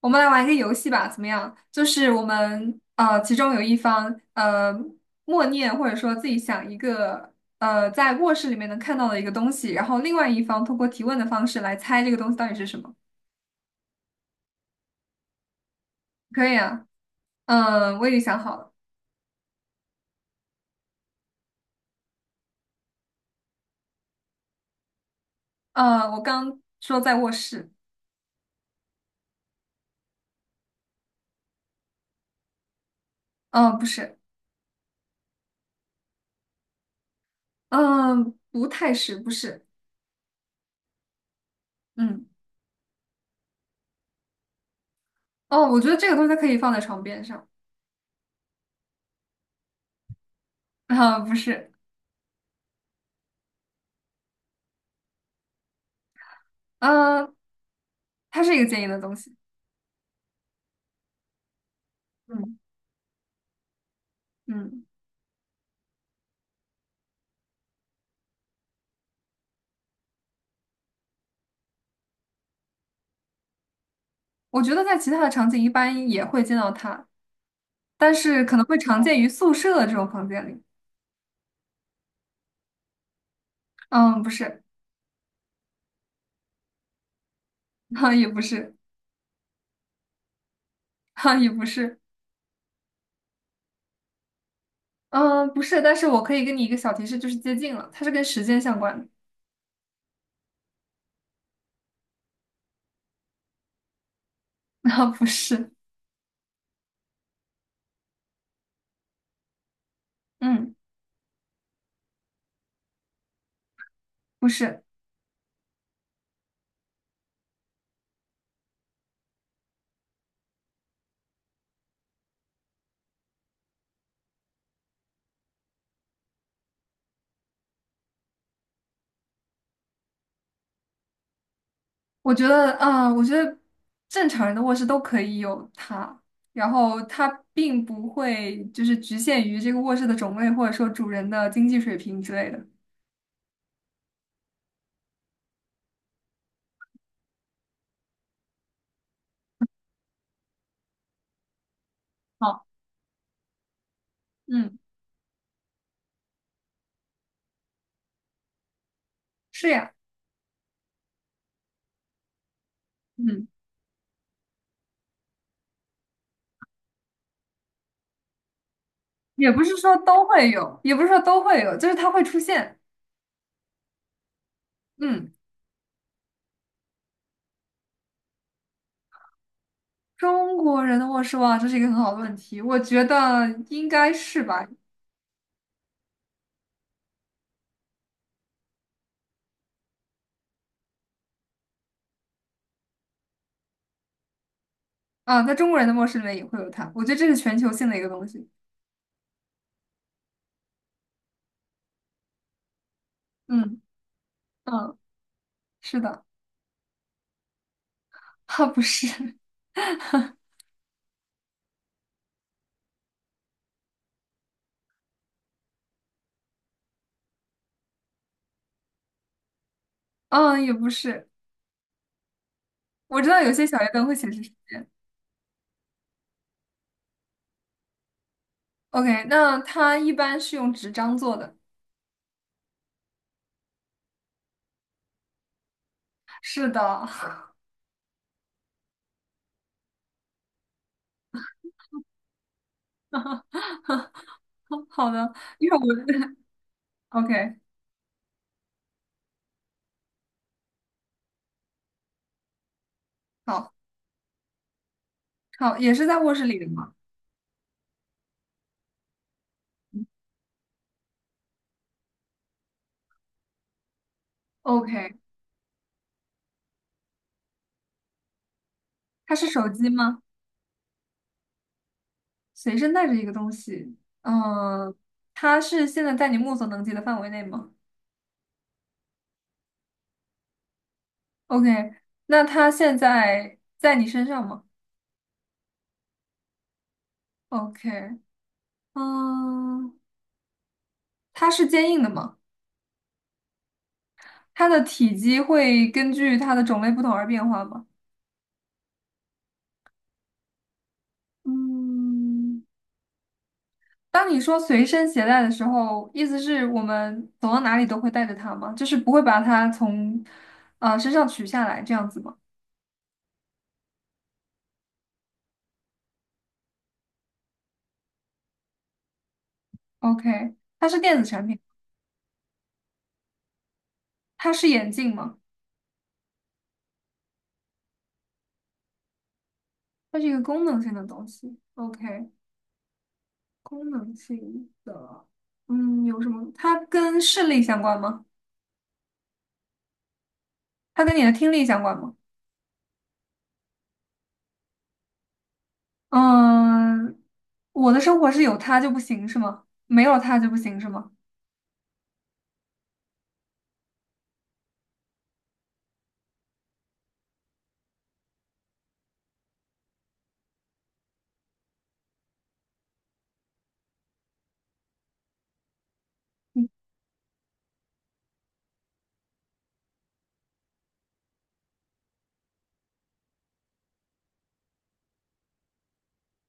我们来玩一个游戏吧，怎么样？就是我们其中有一方默念或者说自己想一个在卧室里面能看到的一个东西，然后另外一方通过提问的方式来猜这个东西到底是什么。可以啊，嗯、我已经想好了，我刚说在卧室，嗯、不是，嗯、不太是，不是，嗯，哦，我觉得这个东西它可以放在床边上，啊、不是，嗯、它是一个坚硬的东西，嗯嗯。我觉得在其他的场景一般也会见到它，但是可能会常见于宿舍的这种房间里。嗯，不是，哈，也不是，哈，也不是，嗯，不是。但是我可以给你一个小提示，就是接近了，它是跟时间相关的。啊，不是，嗯，不是。我觉得正常人的卧室都可以有它，然后它并不会就是局限于这个卧室的种类，或者说主人的经济水平之类的。好，嗯，是呀。嗯。也不是说都会有，也不是说都会有，就是它会出现。嗯，中国人的卧室哇，这是一个很好的问题，我觉得应该是吧。啊，在中国人的卧室里面也会有它，我觉得这是全球性的一个东西。嗯嗯，是的，啊不是，嗯也不是，我知道有些小夜灯会显示。 OK，那它一般是用纸张做的。是的，好的，因为我 OK，好好也是在卧室里的吗？ OK，它是手机吗？随身带着一个东西，嗯，它是现在在你目所能及的范围内吗？OK，那它现在在你身上吗？OK，嗯，它是坚硬的吗？它的体积会根据它的种类不同而变化吗？嗯，当你说随身携带的时候，意思是我们走到哪里都会带着它吗？就是不会把它从身上取下来这样子吗？OK，它是电子产品，它是眼镜吗？它是一个功能性的东西。OK，功能性的，嗯，有什么？它跟视力相关吗？它跟你的听力相关吗？嗯，我的生活是有它就不行是吗？没有它就不行是吗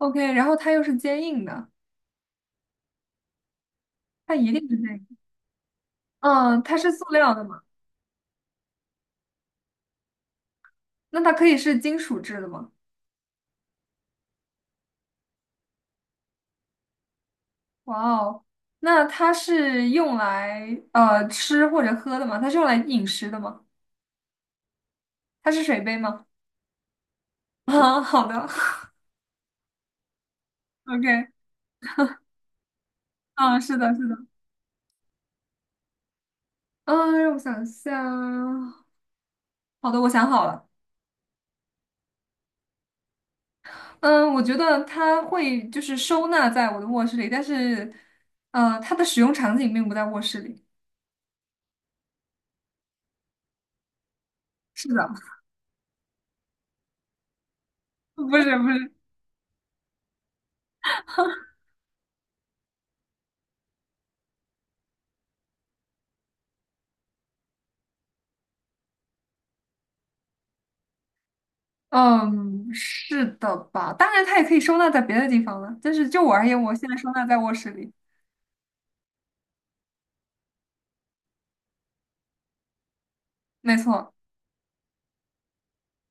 ？OK，然后它又是坚硬的，对嗯，它是塑料的吗？那它可以是金属制的吗？哇哦，那它是用来吃或者喝的吗？它是用来饮食的吗？它是水杯吗？啊，好的，OK，嗯，是的，是的。嗯，让我想一下。好的，我想好了。嗯，我觉得它会就是收纳在我的卧室里，但是，它的使用场景并不在卧室里。是的，不是不是，嗯，是的吧？当然，它也可以收纳在别的地方了，但是就我而言，我现在收纳在卧室里。没错，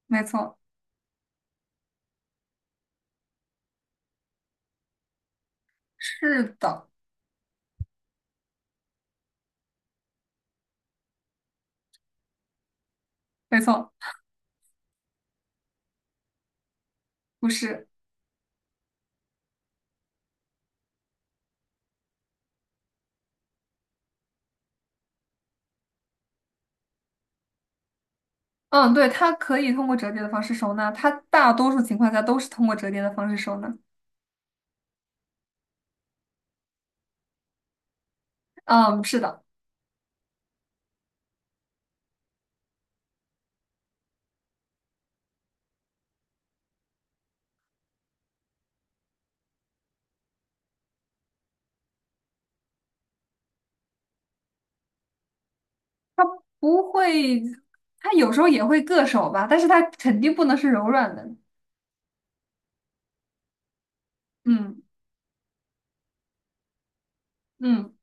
没错，是的，没错，不是。嗯，对，它可以通过折叠的方式收纳，它大多数情况下都是通过折叠的方式收纳。嗯，是的。不会，它有时候也会硌手吧，但是它肯定不能是柔软的。嗯嗯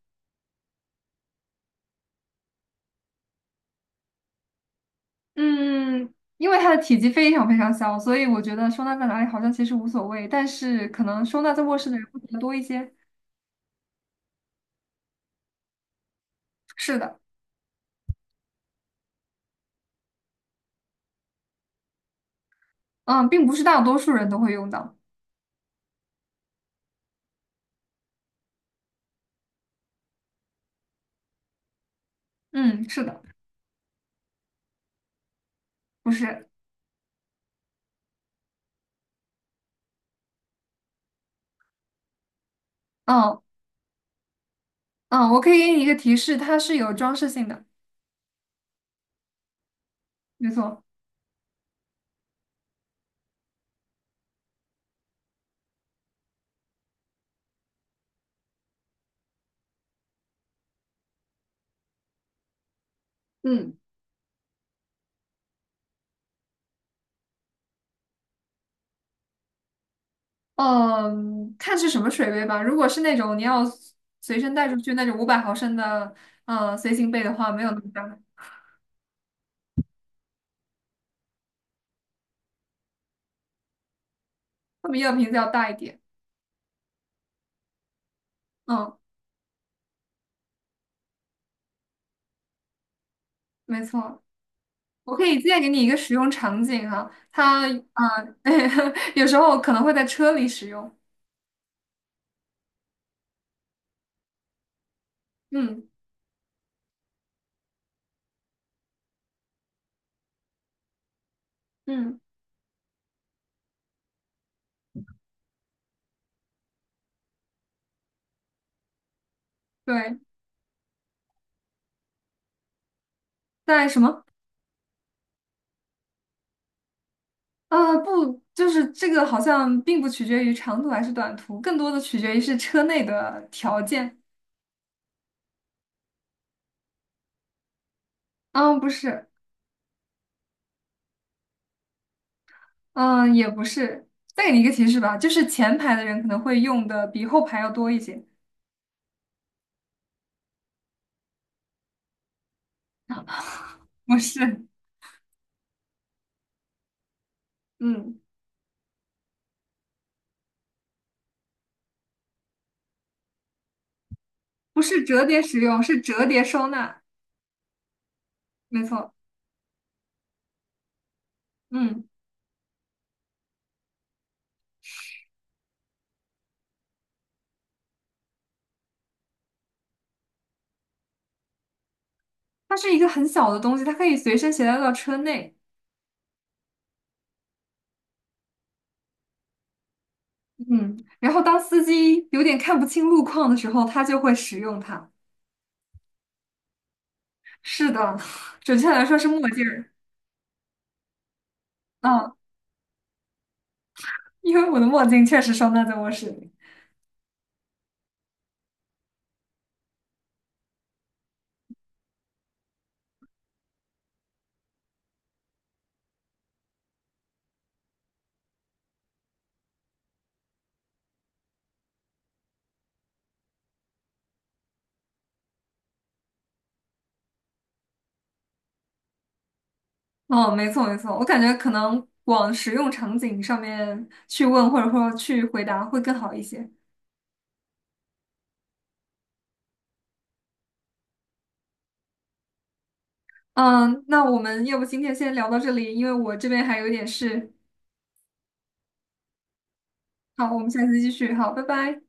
嗯，因为它的体积非常非常小，所以我觉得收纳在哪里好像其实无所谓，但是可能收纳在卧室的人会比较多一些。是的，嗯，并不是大多数人都会用到。嗯，是的，不是。嗯嗯，我可以给你一个提示，它是有装饰性的，没错。嗯。嗯，看是什么水杯吧。如果是那种你要随身带出去那种500毫升的，嗯，随行杯的话，没有那么大，会比药瓶子要大一点。嗯，没错。我可以再给你一个使用场景哈，它啊，有时候可能会在车里使用。嗯嗯，对，在什么？啊，不，就是这个好像并不取决于长途还是短途，更多的取决于是车内的条件。嗯，不是。嗯，也不是。再给你一个提示吧，就是前排的人可能会用的比后排要多一些。不是，嗯，不是折叠使用，是折叠收纳，没错。嗯，它是一个很小的东西，它可以随身携带到车内。嗯，然后当司机有点看不清路况的时候，他就会使用它。是的，准确来说是墨镜儿。嗯，因为我的墨镜确实收纳在卧室里。哦，没错没错，我感觉可能往实用场景上面去问，或者说去回答会更好一些。嗯，那我们要不今天先聊到这里，因为我这边还有点事。好，我们下次继续。好，拜拜。